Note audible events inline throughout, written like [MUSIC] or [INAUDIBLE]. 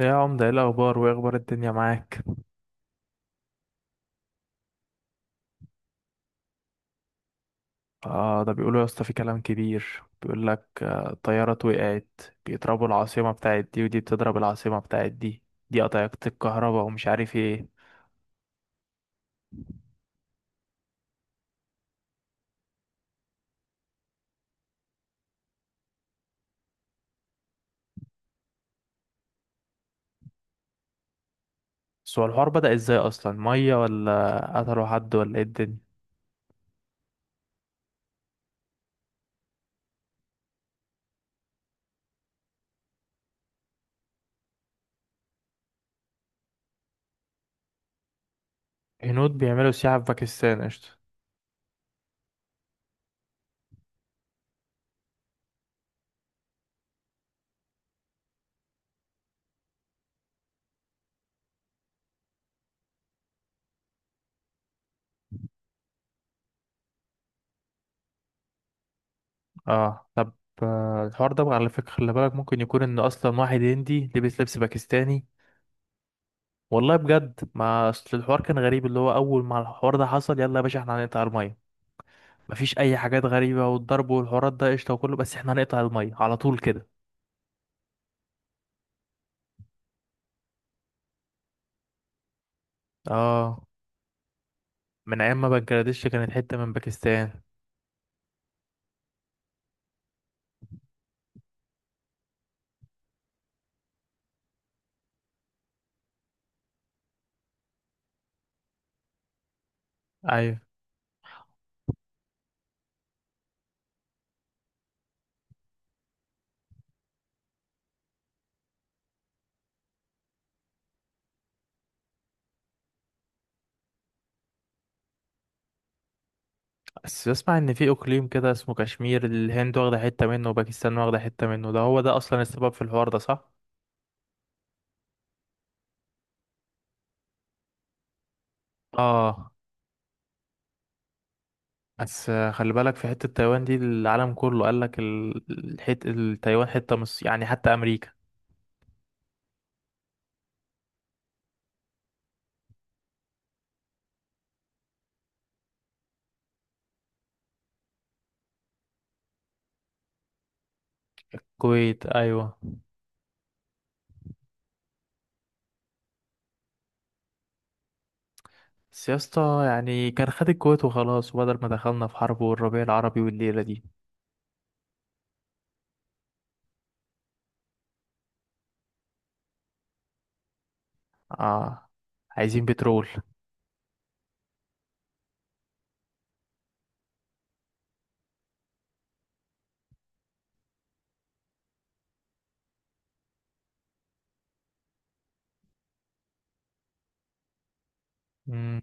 يا عمدة، ايه الأخبار وايه أخبار الدنيا معاك؟ آه، ده بيقولوا يا اسطى في كلام كبير، بيقول لك طيارات وقعت. بيضربوا العاصمة بتاعت دي ودي بتضرب العاصمة بتاعت دي. دي قطعت الكهرباء ومش عارف ايه. بس هو الحوار بدأ ازاي أصلا؟ مية ولا قتلوا حد ولا ايه الدنيا؟ هنود بيعملوا سياحة في باكستان، قشطة. اه، طب. آه، الحوار ده بقى على فكرة، خلي بالك ممكن يكون إن أصلا واحد هندي لبس لبس باكستاني. والله بجد، ما أصل الحوار كان غريب، اللي هو أول ما الحوار ده حصل، يلا يا باشا احنا هنقطع المية. مفيش اي حاجات غريبه، والضرب والحوارات ده قشطه وكله، بس احنا هنقطع الميه على طول كده. اه، من ايام ما بنجلاديش كانت حته من باكستان. ايوه. بس بسمع ان في اقليم كده اسمه كشمير، الهند واخده حته منه وباكستان واخده حته منه، ده هو ده اصلا السبب في الحوار ده، صح؟ اه. بس خلي بالك، في حته تايوان دي، العالم كله قال لك الحت التايوان حته مش يعني، حتى امريكا. الكويت، ايوه. بس يا اسطى يعني كان خد الكويت وخلاص، وبدل ما دخلنا في حرب والربيع العربي والليله دي. اه. عايزين بترول. مم.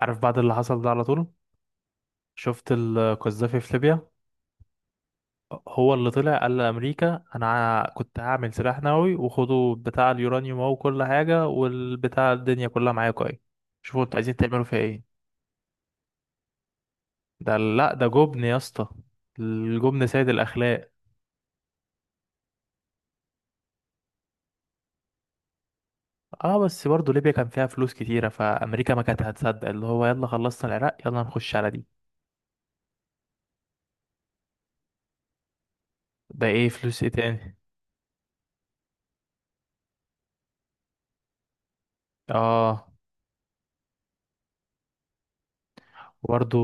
عارف بعد اللي حصل ده على طول، شفت القذافي في ليبيا. هو اللي طلع قال لأمريكا، أنا كنت هعمل سلاح نووي، وخدوا بتاع اليورانيوم أهو وكل حاجة والبتاع، الدنيا كلها معاكوا أهي، شوفوا أنتوا عايزين تعملوا فيها إيه. ده لأ، ده جبن يا اسطى. الجبن سيد الأخلاق. اه. بس برضه ليبيا كان فيها فلوس كتيرة، فأمريكا ما كانت هتصدق، اللي هو يلا خلصنا العراق، يلا نخش على دي. ده ايه، فلوس ايه تاني؟ اه. برضه.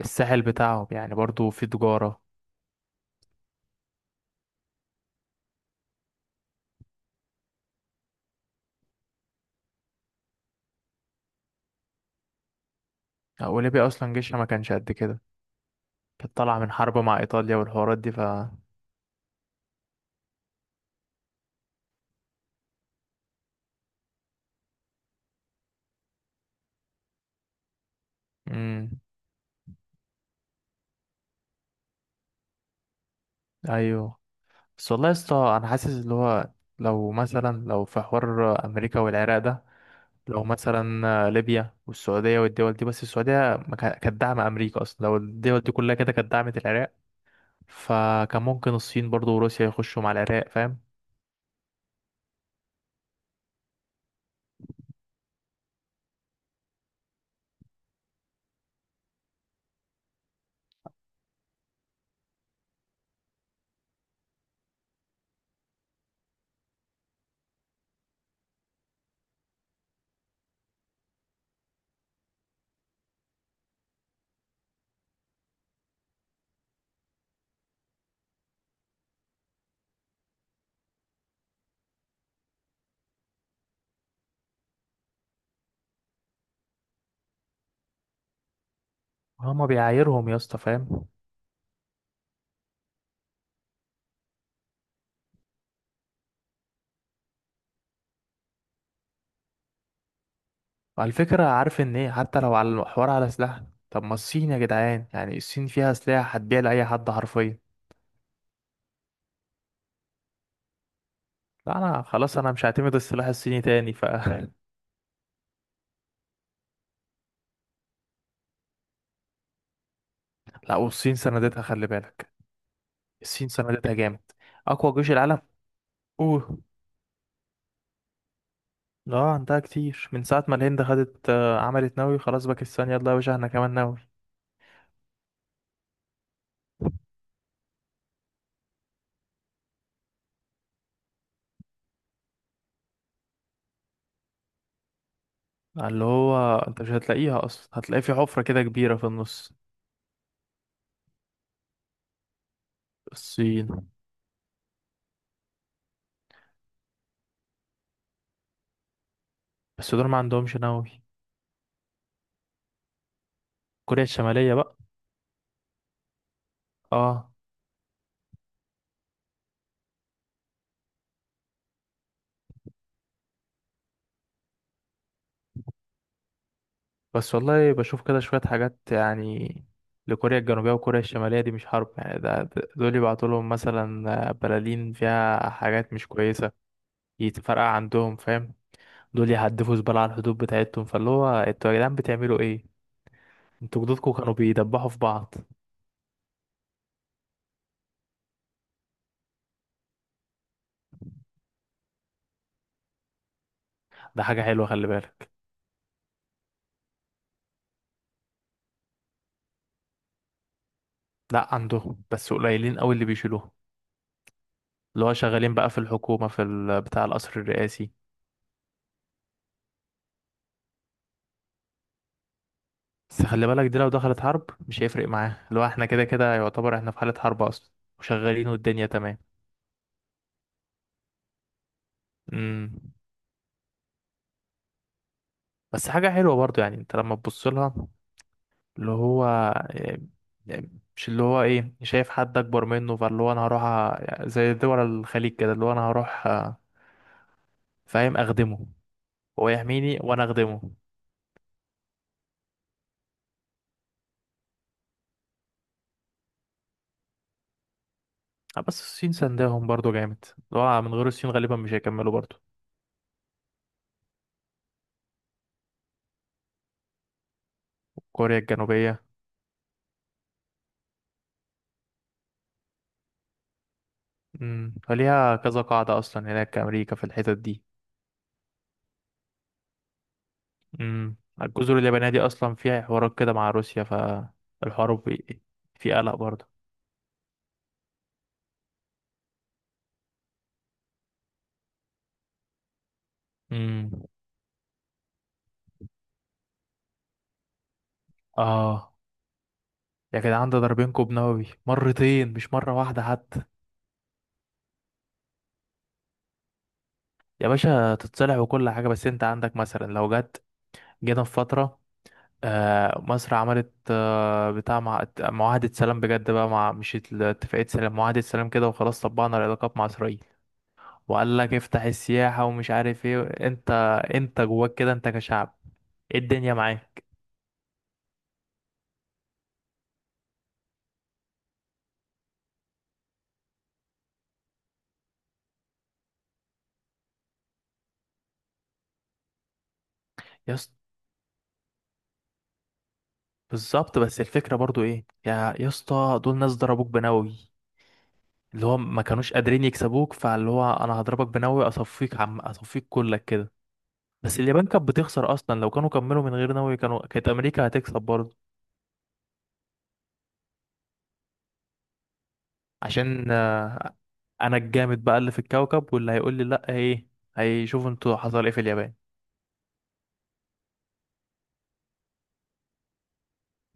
الساحل بتاعهم، يعني برضو في تجارة. أو ليبيا أصلا جيشها ما كانش قد كده. كانت طالعة من حرب مع إيطاليا والحوارات دي ف. مم. أيوه. بس والله يا اسطى أنا حاسس اللي هو، لو مثلا في حوار أمريكا والعراق ده، لو مثلا ليبيا والسعودية والدول دي، بس السعودية ما كا- كانت داعمة أمريكا أصلا. لو الدول دي كلها كده كانت دعمت العراق، فكان ممكن الصين برضو وروسيا يخشوا مع العراق، فاهم؟ هما بيعايرهم يا اسطى، فاهم؟ على فكرة، عارف ان ايه، حتى لو على الحوار على سلاح، طب ما الصين يا جدعان، يعني الصين فيها سلاح هتبيع لأي حد حرفيا. لا، انا خلاص، انا مش هعتمد السلاح الصيني تاني ف [LAUGHS] لا، والصين سندتها، خلي بالك. الصين سندتها جامد. اقوى جيش العالم. اوه. اه، عندها كتير من ساعة ما الهند خدت، عملت نووي، خلاص باكستان يلا يا باشا احنا كمان نووي. اللي هو انت مش هتلاقيها اصلا، هتلاقي في حفرة كده كبيرة في النص. الصين. بس دول ما عندهمش نووي. كوريا الشمالية بقى. اه. بس والله بشوف كده شوية حاجات، يعني لكوريا الجنوبية وكوريا الشمالية دي مش حرب، يعني دول يبعتوا لهم مثلا بلالين فيها حاجات مش كويسة، يتفرقع عندهم، فاهم؟ دول يهدفوا زبالة على الحدود بتاعتهم، فاللي هو انتوا يا جدعان بتعملوا ايه؟ انتوا جدودكم كانوا بيدبحوا في بعض. ده حاجة حلوة، خلي بالك. لا، عندهم بس قليلين قوي اللي بيشيلوها، اللي هو شغالين بقى في الحكومة، في بتاع القصر الرئاسي. بس خلي بالك، دي لو دخلت حرب مش هيفرق معاه، اللي هو احنا كده كده يعتبر احنا في حالة حرب اصلا، وشغالين والدنيا تمام. امم. بس حاجة حلوة برضو، يعني انت لما تبص لها، اللي هو إيه، يعني مش اللي هو ايه، شايف حد اكبر منه فاللي هو انا هروح زي دول الخليج كده، اللي هو انا هروح فاهم اخدمه، هو يحميني وانا اخدمه. بس الصين سندهم برضو جامد، اللي هو من غير الصين غالبا مش هيكملوا برضو. كوريا الجنوبية. فليها كذا قاعدة اصلا هناك امريكا في الحتت دي. امم الجزر اليابانية دي أصلا فيها حوارات كده مع روسيا، فالحوار في قلق برضه. امم. آه. يا جدعان، ده ضاربين كوب نووي مرتين، مش مرة واحدة حتى. يا باشا تتصلح وكل حاجة، بس أنت عندك مثلا، لو جت، جينا في فترة، مصر عملت معاهدة سلام بجد بقى، مع مش ات- اتفاقية سلام، معاهدة سلام كده وخلاص، طبقنا العلاقات مع إسرائيل، وقال لك افتح السياحة ومش عارف ايه. انت انت جواك كده، انت كشعب، ايه الدنيا معاك؟ يا، بالظبط، بس الفكرة برضو ايه، يا اسطى، دول ناس ضربوك بنووي، اللي هو ما كانوش قادرين يكسبوك، فاللي هو انا هضربك بنووي اصفيك، عم اصفيك كلك كده. بس اليابان كانت بتخسر اصلا، لو كانوا كملوا من غير نووي كانوا كانت امريكا هتكسب برضو. عشان انا الجامد بقى اللي في الكوكب، واللي هيقول لي لا ايه، هيشوف انتوا حصل ايه في اليابان.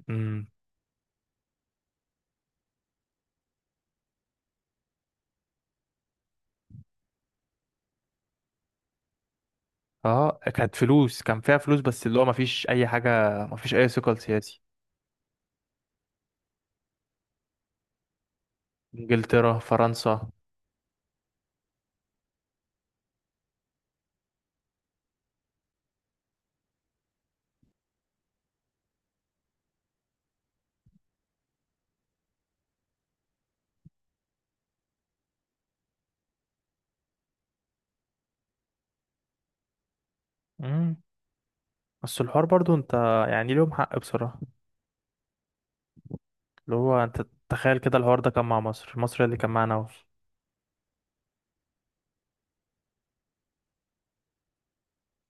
امم. اه، كانت فلوس، كان فيها فلوس بس اللي هو ما فيش اي حاجة، ما فيش اي ثقل سياسي. انجلترا، فرنسا. امم بس الحوار برضو، انت يعني ليهم حق بصراحة، اللي هو انت تخيل كده الحوار ده كان مع مصر، مصر اللي كان معانا اهو.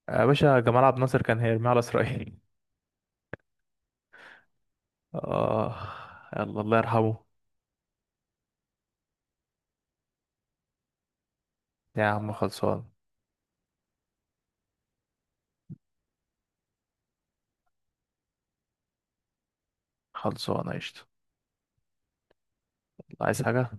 يا باشا جمال عبد الناصر كان هيرميه على اسرائيل. اه. يلا، الله يرحمه. يا عم خلصان. خلصان قشطة. عايز حاجة؟